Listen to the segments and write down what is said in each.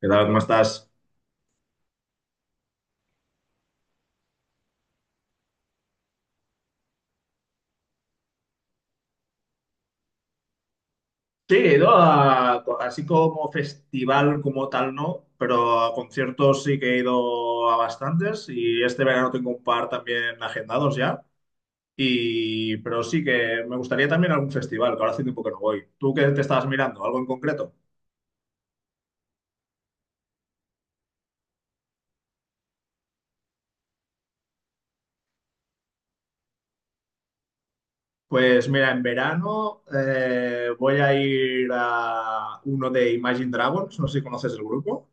¿Qué tal? ¿Cómo estás? Sí, ¿no? Así como festival como tal no, pero a conciertos sí que he ido a bastantes y este verano tengo un par también agendados ya. Pero sí que me gustaría también algún festival, que ahora hace tiempo que no voy. ¿Tú qué te estabas mirando? ¿Algo en concreto? Pues mira, en verano voy a ir a uno de Imagine Dragons, no sé si conoces el grupo,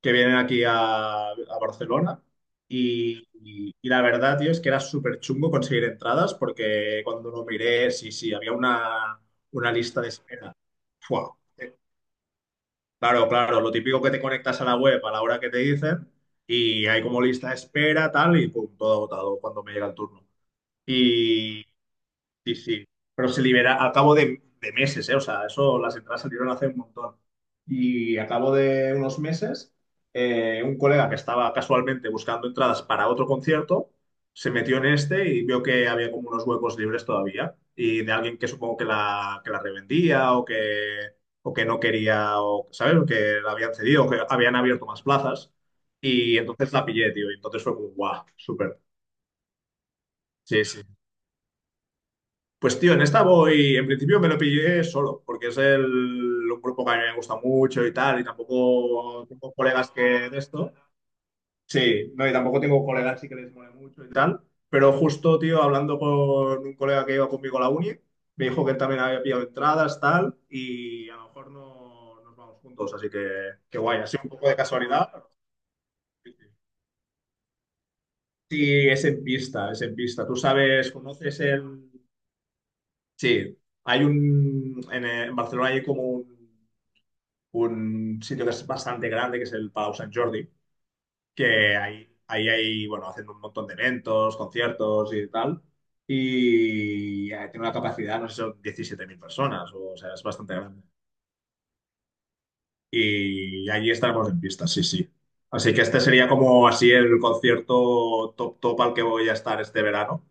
que vienen aquí a Barcelona. Y la verdad, tío, es que era súper chungo conseguir entradas porque cuando lo miré, sí, sí, había una lista de espera. Fua. Claro, claro, lo típico que te conectas a la web a la hora que te dicen y hay como lista de espera, tal, y pum, todo agotado cuando me llega el turno. Sí, sí. Pero se libera al cabo de meses, ¿eh? O sea, eso las entradas salieron hace un montón. Y a cabo de unos meses, un colega que estaba casualmente buscando entradas para otro concierto, se metió en este y vio que había como unos huecos libres todavía. Y de alguien que supongo que que la revendía o que no quería, o, ¿sabes? O que la habían cedido, o que habían abierto más plazas. Y entonces la pillé, tío. Y entonces fue como, guau, súper. Sí, sí. Pues tío, en esta voy, en principio me lo pillé solo, porque es un grupo que a mí me gusta mucho y tal, y tampoco tengo colegas que de esto. Sí, no, y tampoco tengo colegas así que les mole mucho y tal. Pero justo, tío, hablando con un colega que iba conmigo a la uni, me dijo que él también había pillado entradas, tal, y a lo mejor no nos vamos juntos, así que guay, así un poco de casualidad. Pero sí, sí. Sí, es en pista, es en pista. Tú sabes, conoces el. Sí, hay en Barcelona hay como un sitio que es bastante grande, que es el Palau Sant Jordi, que ahí hay, bueno, hacen un montón de eventos, conciertos y tal, y tiene una capacidad, no sé, si son 17.000 personas, o sea, es bastante grande. Y allí estaremos en pista, sí, sí. Así que este sería como así el concierto top top al que voy a estar este verano.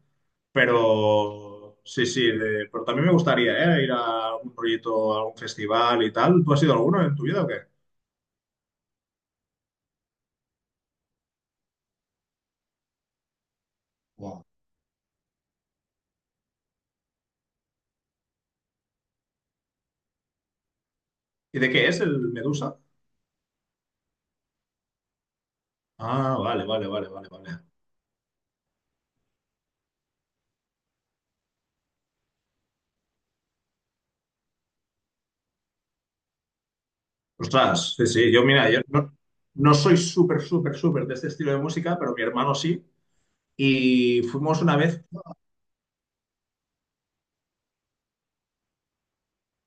Pero sí, sí, pero también me gustaría, ¿eh? Ir a algún proyecto, a algún festival y tal. ¿Tú has ido a alguno en tu vida o qué? Wow. ¿Y de qué es el Medusa? Ah, vale, vale, vale, vale, vale. Ostras, sí, sí, yo mira, yo no soy súper, súper, súper de este estilo de música, pero mi hermano sí. Y fuimos una vez,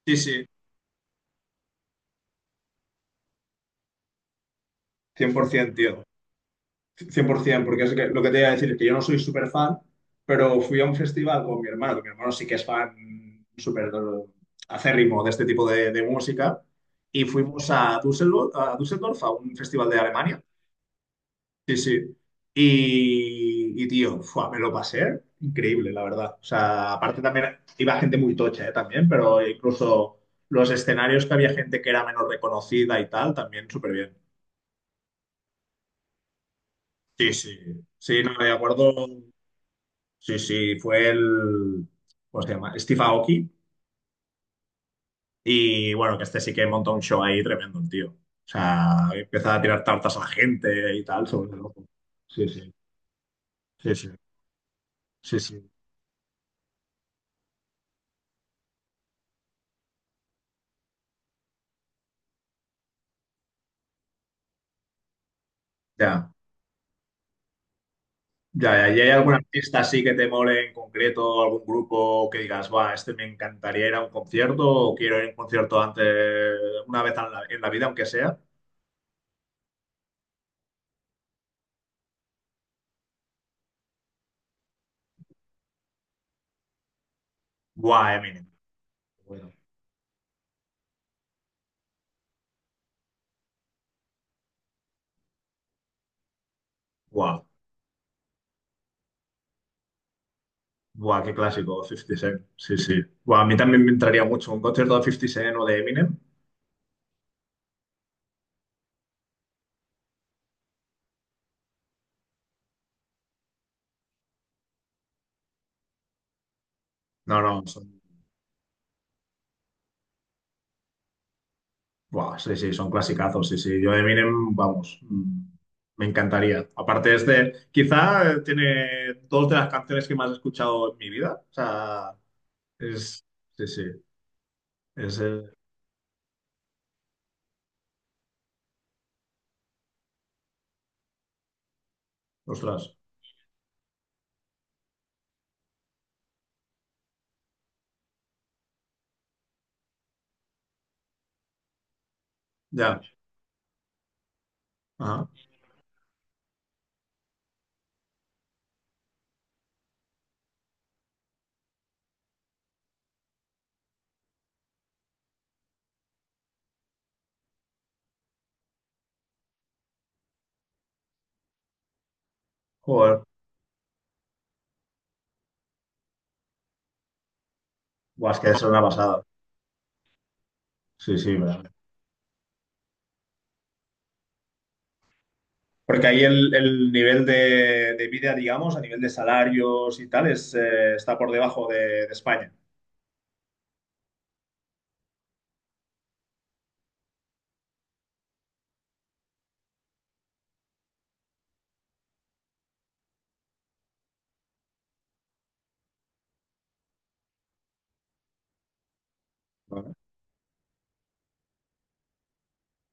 sí, sí, 100%, tío. 100%, porque es lo que te iba a decir es que yo no soy súper fan, pero fui a un festival con mi hermano, que mi hermano sí que es fan súper acérrimo de este tipo de música, y fuimos a Düsseldorf, a un festival de Alemania. Sí, sí. Y, tío, fua, me lo pasé increíble, la verdad. O sea, aparte también iba gente muy tocha, también, pero incluso los escenarios que había gente que era menos reconocida y tal, también súper bien. Sí, sí. Sí, no, de acuerdo. Sí, sí, fue el, ¿cómo se llama? Steve Aoki. Y bueno, que este sí que montó un show ahí tremendo, el tío. O sea, empieza a tirar tartas a la gente y tal, sobre todo. Sí, sí, sí, sí, sí, sí. Ya, ya, ya. ¿Y hay algún artista así que te mole en concreto, algún grupo que digas, va, este me encantaría ir a un concierto o quiero ir a un concierto antes, una vez en la, vida, aunque sea? Buah, Eminem. Bueno, wow. Buah, qué clásico, 50 Cent. Sí, sí. Buah, a mí también me entraría mucho un concierto de 50 Cent o de Eminem. No, no, son, buah, sí, sí, son clasicazos, sí, sí. Yo de Eminem, vamos, me encantaría. Aparte es de, quizá tiene dos de las canciones que más he escuchado en mi vida. O sea, es, sí, sí, es, ostras, ya, ajá. Joder, buah, es que es una pasada. Sí, sí, porque ahí el nivel de vida, digamos, a nivel de salarios y tal, está por debajo de España. Vale.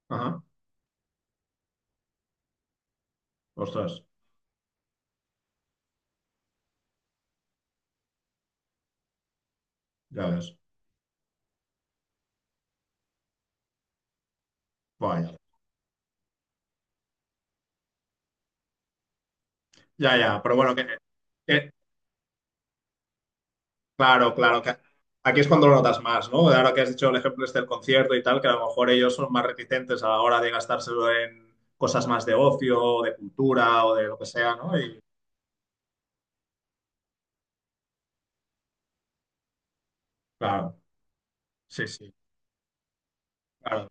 Ajá. Ostras, ya ves. Vaya. Ya, ya, pero bueno, que- claro, claro, que aquí es cuando lo notas más, ¿no? Ahora que has dicho el ejemplo este del concierto y tal, que a lo mejor ellos son más reticentes a la hora de gastárselo en cosas más de ocio, o de cultura o de lo que sea, ¿no? Y claro, sí, sí, claro.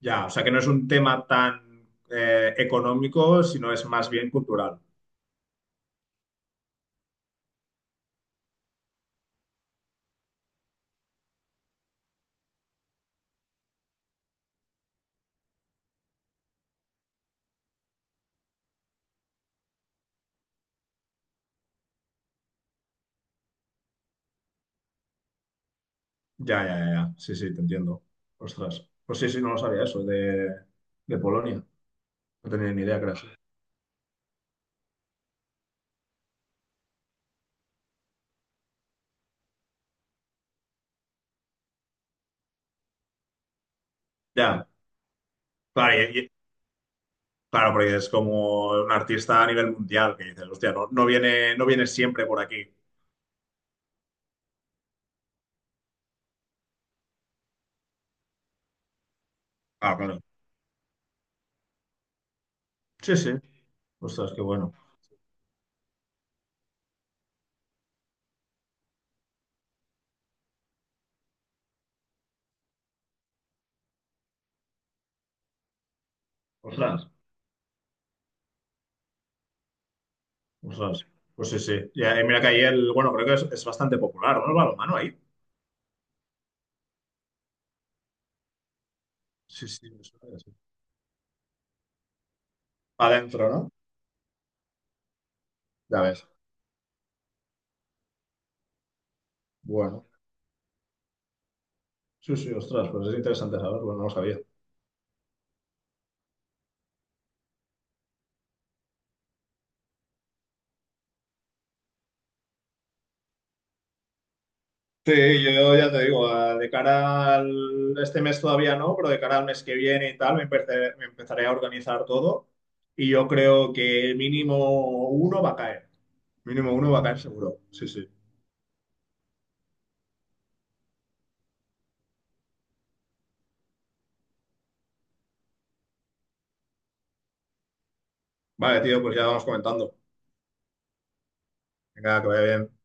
Ya, o sea que no es un tema tan económico, sino es más bien cultural. Ya, ya, ya, ya. Sí, sí, te entiendo. Ostras. Pues sí, sí, no lo sabía eso, de, Polonia. No tenía ni idea, creo. Ya, claro, claro, porque es como un artista a nivel mundial que dices, hostia, no, no viene, no viene siempre por aquí. Ah, claro. Sí, sí. Ostras, qué bueno. Ostras, ostras. Pues sí, sí. Ya, y mira que ahí el, bueno, creo que es bastante popular, ¿no? El balonmano ahí. Sí, sí, me suena que sí. Adentro, ¿no? Ya ves. Bueno. Sí, sí, ostras, pues es interesante saberlo, no lo sabía. Sí, yo ya te digo, de cara al este mes todavía no, pero de cara al mes que viene y tal, me empezaré a organizar todo y yo creo que mínimo uno va a caer, mínimo uno va a caer seguro, sí, sí. Vale, tío, pues ya vamos comentando. Venga, que vaya bien.